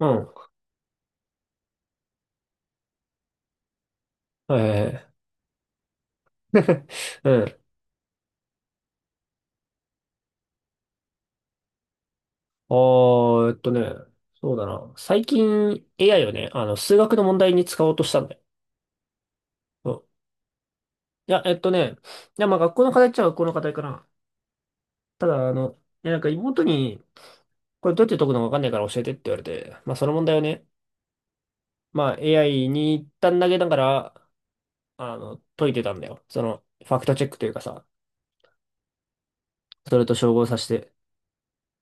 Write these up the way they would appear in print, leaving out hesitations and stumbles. うん。はいはいはい。うん。あー、えっとね、そうだな。最近 AI をね、数学の問題に使おうとしたんだよ。うん。いや、いや、まあ学校の課題っちゃ学校の課題かな。ただ、いや、なんか妹に、これどうやって解くのかわかんないから教えてって言われて、まあその問題をね、まあ AI に一旦投げながら、解いてたんだよ。ファクトチェックというかさ、それと照合させて。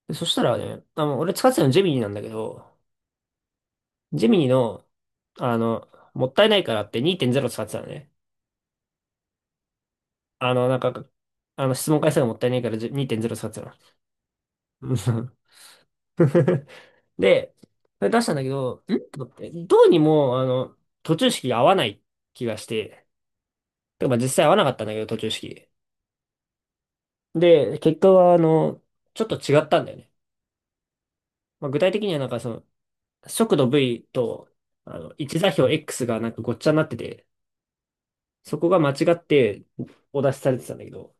でそしたらね、俺使ってたのジェミニなんだけど、ジミーの、あの、もったいないからって2.0使ってたのね。あの、なんか、質問回数がもったいないから2.0使ってたの。うん。で、それ出したんだけど、んと思って、どうにも、途中式が合わない気がして、てかまあ実際合わなかったんだけど、途中式。で、結果は、ちょっと違ったんだよね。まあ、具体的にはなんか速度 V と、位置座標 X がなんかごっちゃになってて、そこが間違ってお出しされてたんだけど、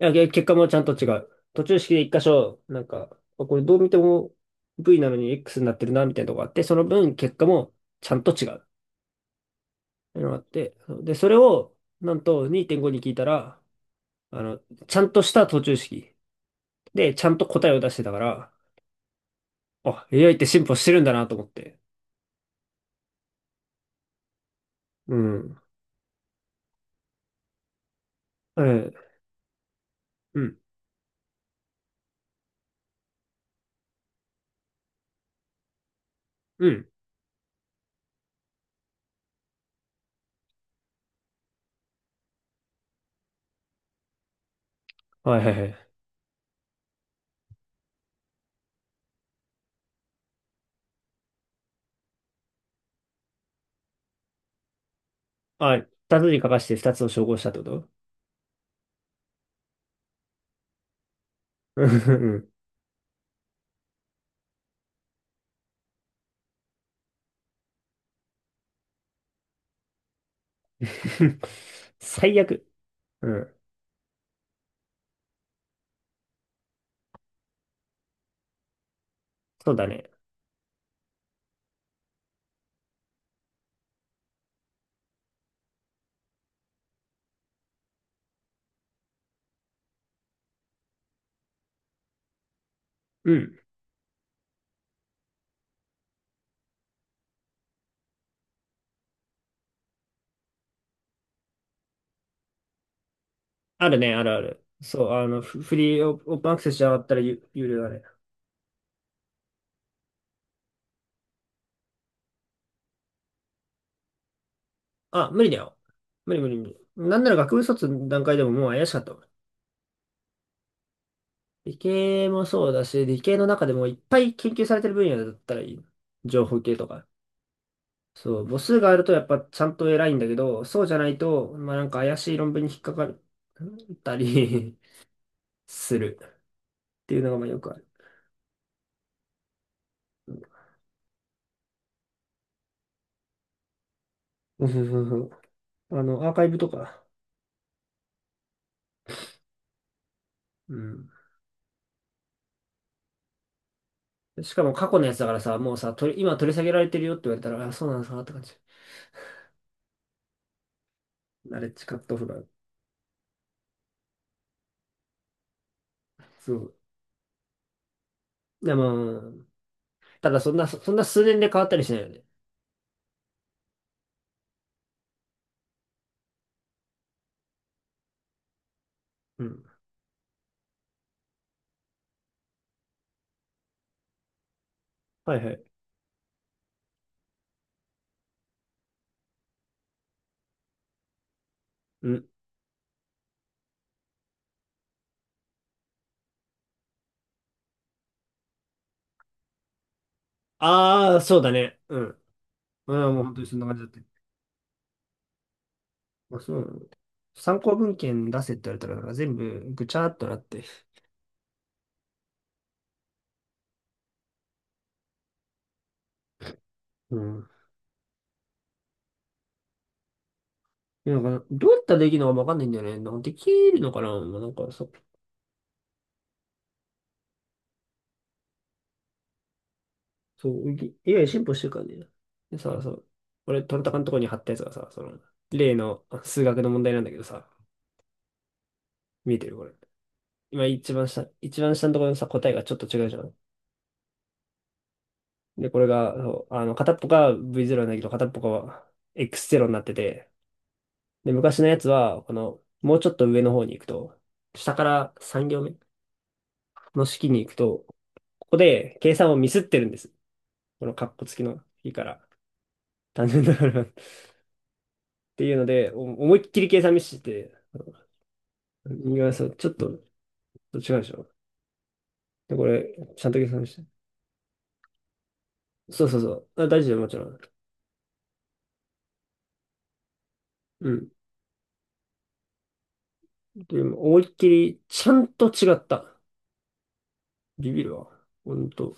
いや、結果もちゃんと違う。途中式で一箇所、なんか、あこれどう見ても V なのに X になってるな、みたいなとこがあって、その分結果もちゃんと違うっていうのがあって、で、それを、なんと2.5に聞いたら、あの、ちゃんとした途中式で、ちゃんと答えを出してたから、あ、AI って進歩してるんだなと思って。うん。ええ、うん、うん。はいはいはい。あ、二つに書かして二つを照合したってこと。 うん。最悪。うん。そうだね。うん。あるね、あるある。そう、フリーオープンアクセスじゃなかったら有料だね。あ、無理だよ。無理無理無理。なんなら学部卒の段階でももう怪しかったもん。理系もそうだし、理系の中でもいっぱい研究されてる分野だったらいい。情報系とか。そう、母数があるとやっぱちゃんと偉いんだけど、そうじゃないと、まあなんか怪しい論文に引っかかるったり するっていうのがまあよくある。うんうんうんうん。アーカイブとか。うん。しかも過去のやつだからさ、もうさ、今取り下げられてるよって言われたら、あ、そうなんですかって感じ。ナレッジカットオフが。そう。でも、ただそんな、そんな数年で変わったりしないよね。うん。はいはい。うん。ああ、そうだね。うん。うん、もう本当にそんな感じだった。あ、そうなの。参考文献出せって言われたら、なんか全部ぐちゃっとなって。うん。いやなんか、どうやったらできるのかわかんないんだよね。なんかできるのかな、まあなんかさ、そう、AI 進歩してるからね。でさ、そう、俺、トンタカのとこに貼ったやつがさ、例の数学の問題なんだけどさ、見えてるこれ。今一番下、一番下のところのさ、答えがちょっと違うじゃん。で、これが、そう片っぽが V0 なんだけど、片っぽが X0 になってて、で、昔のやつは、もうちょっと上の方に行くと、下から3行目の式に行くと、ここで計算をミスってるんです。このカッコ付きの式から。単純だから っていうので、思いっきり計算ミスしてて、右側さ、ちょっと、違うでしょ。で、これ、ちゃんと計算して。そうそうそう。あ、大事だよ、もちろん。うん。でも、思いっきり、ちゃんと違った。ビビるわ。ほんと。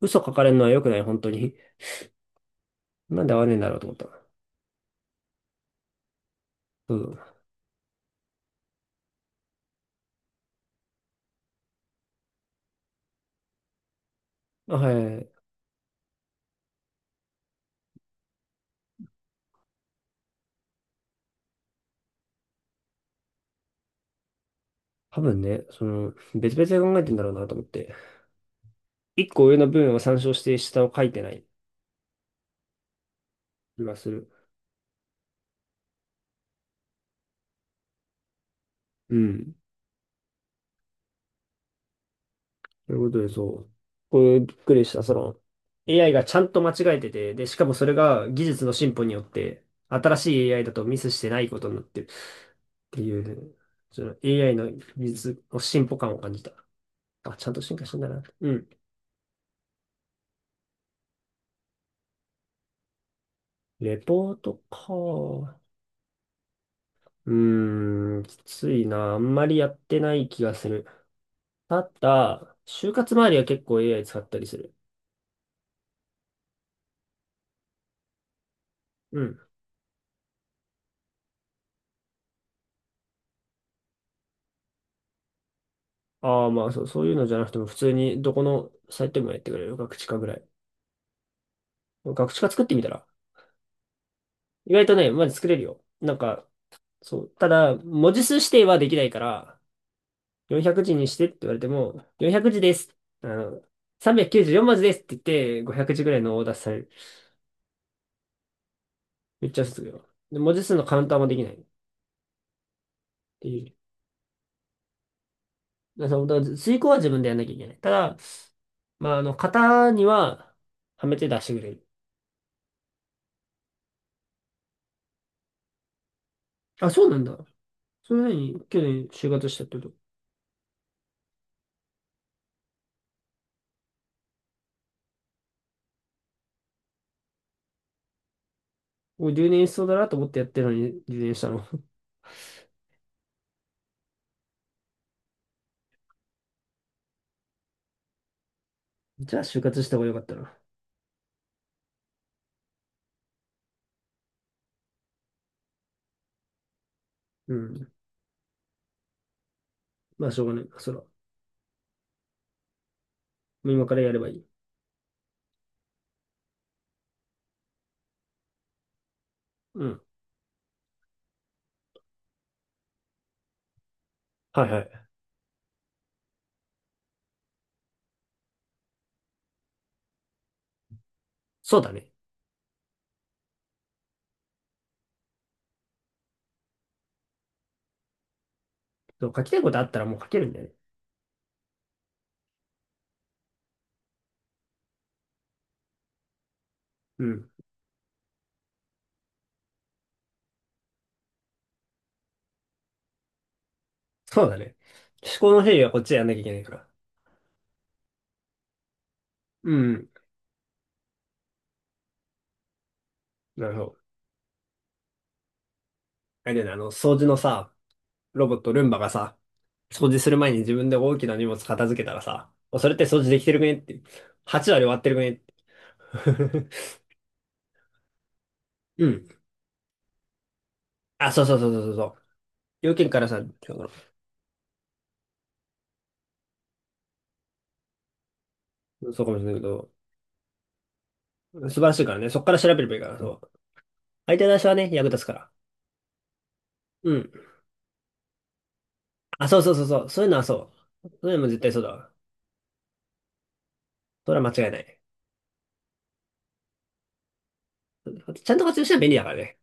嘘書かれるのは良くない、本当に。なんで合わねえんだろうと思った。そう。あ、はいはいはい。多分ね、別々で考えてんだろうなと思って。一個上の文を参照して下を書いてない気がする。うん。ということで、そう。これびっくりした。AI がちゃんと間違えてて、で、しかもそれが技術の進歩によって、新しい AI だとミスしてないことになってるっていうね、その AI の技術の進歩感を感じた。あ、ちゃんと進化したんだな。うん。レポートか。うーん、きついな。あんまりやってない気がする。ただ、就活周りは結構 AI 使ったりする。うん。ああ、まあそう、そういうのじゃなくても、普通にどこのサイトでもやってくれる。学知かぐらい。学習化作ってみたら。意外とね、まず作れるよ。なんか、そう。ただ、文字数指定はできないから、400字にしてって言われても、400字です。あの、394文字ですって言って、500字ぐらいのオーダーされる。めっちゃすぐよ。で、文字数のカウンターもできない。っていう。だから遂行は自分でやんなきゃいけない。ただ、まあ、型には、はめて出してくれる。あ、そうなんだ。それなのに、去年就活したってこと。もう留年しそうだなと思ってやってるのに留年したの。じゃあ就活した方がよかったな。うん。まあ、しょうがない。それは。もう今からやればいい。うん。はいはい。そうだね。そう、書きたいことあったらもう書けるんだよね。うん。そうだね。思考の整理はこっちでやんなきゃいけないから。うん。なるほど。あれだよね、掃除のさ、ロボット、ルンバがさ、掃除する前に自分で大きな荷物片付けたらさ、おそれって掃除できてるくねって。8割終わってるくねって。うん。あ、そうそうそうそうそうそう。要件からさ、そうかもしれないけど、素晴らしいからね。そっから調べればいいから、そう。相手出しはね、役立つから。うん。あ、そうそうそうそう。そういうのはそう。そういうのも絶対そうだわ。それは間違いない。あとちゃんと活用したら便利だからね。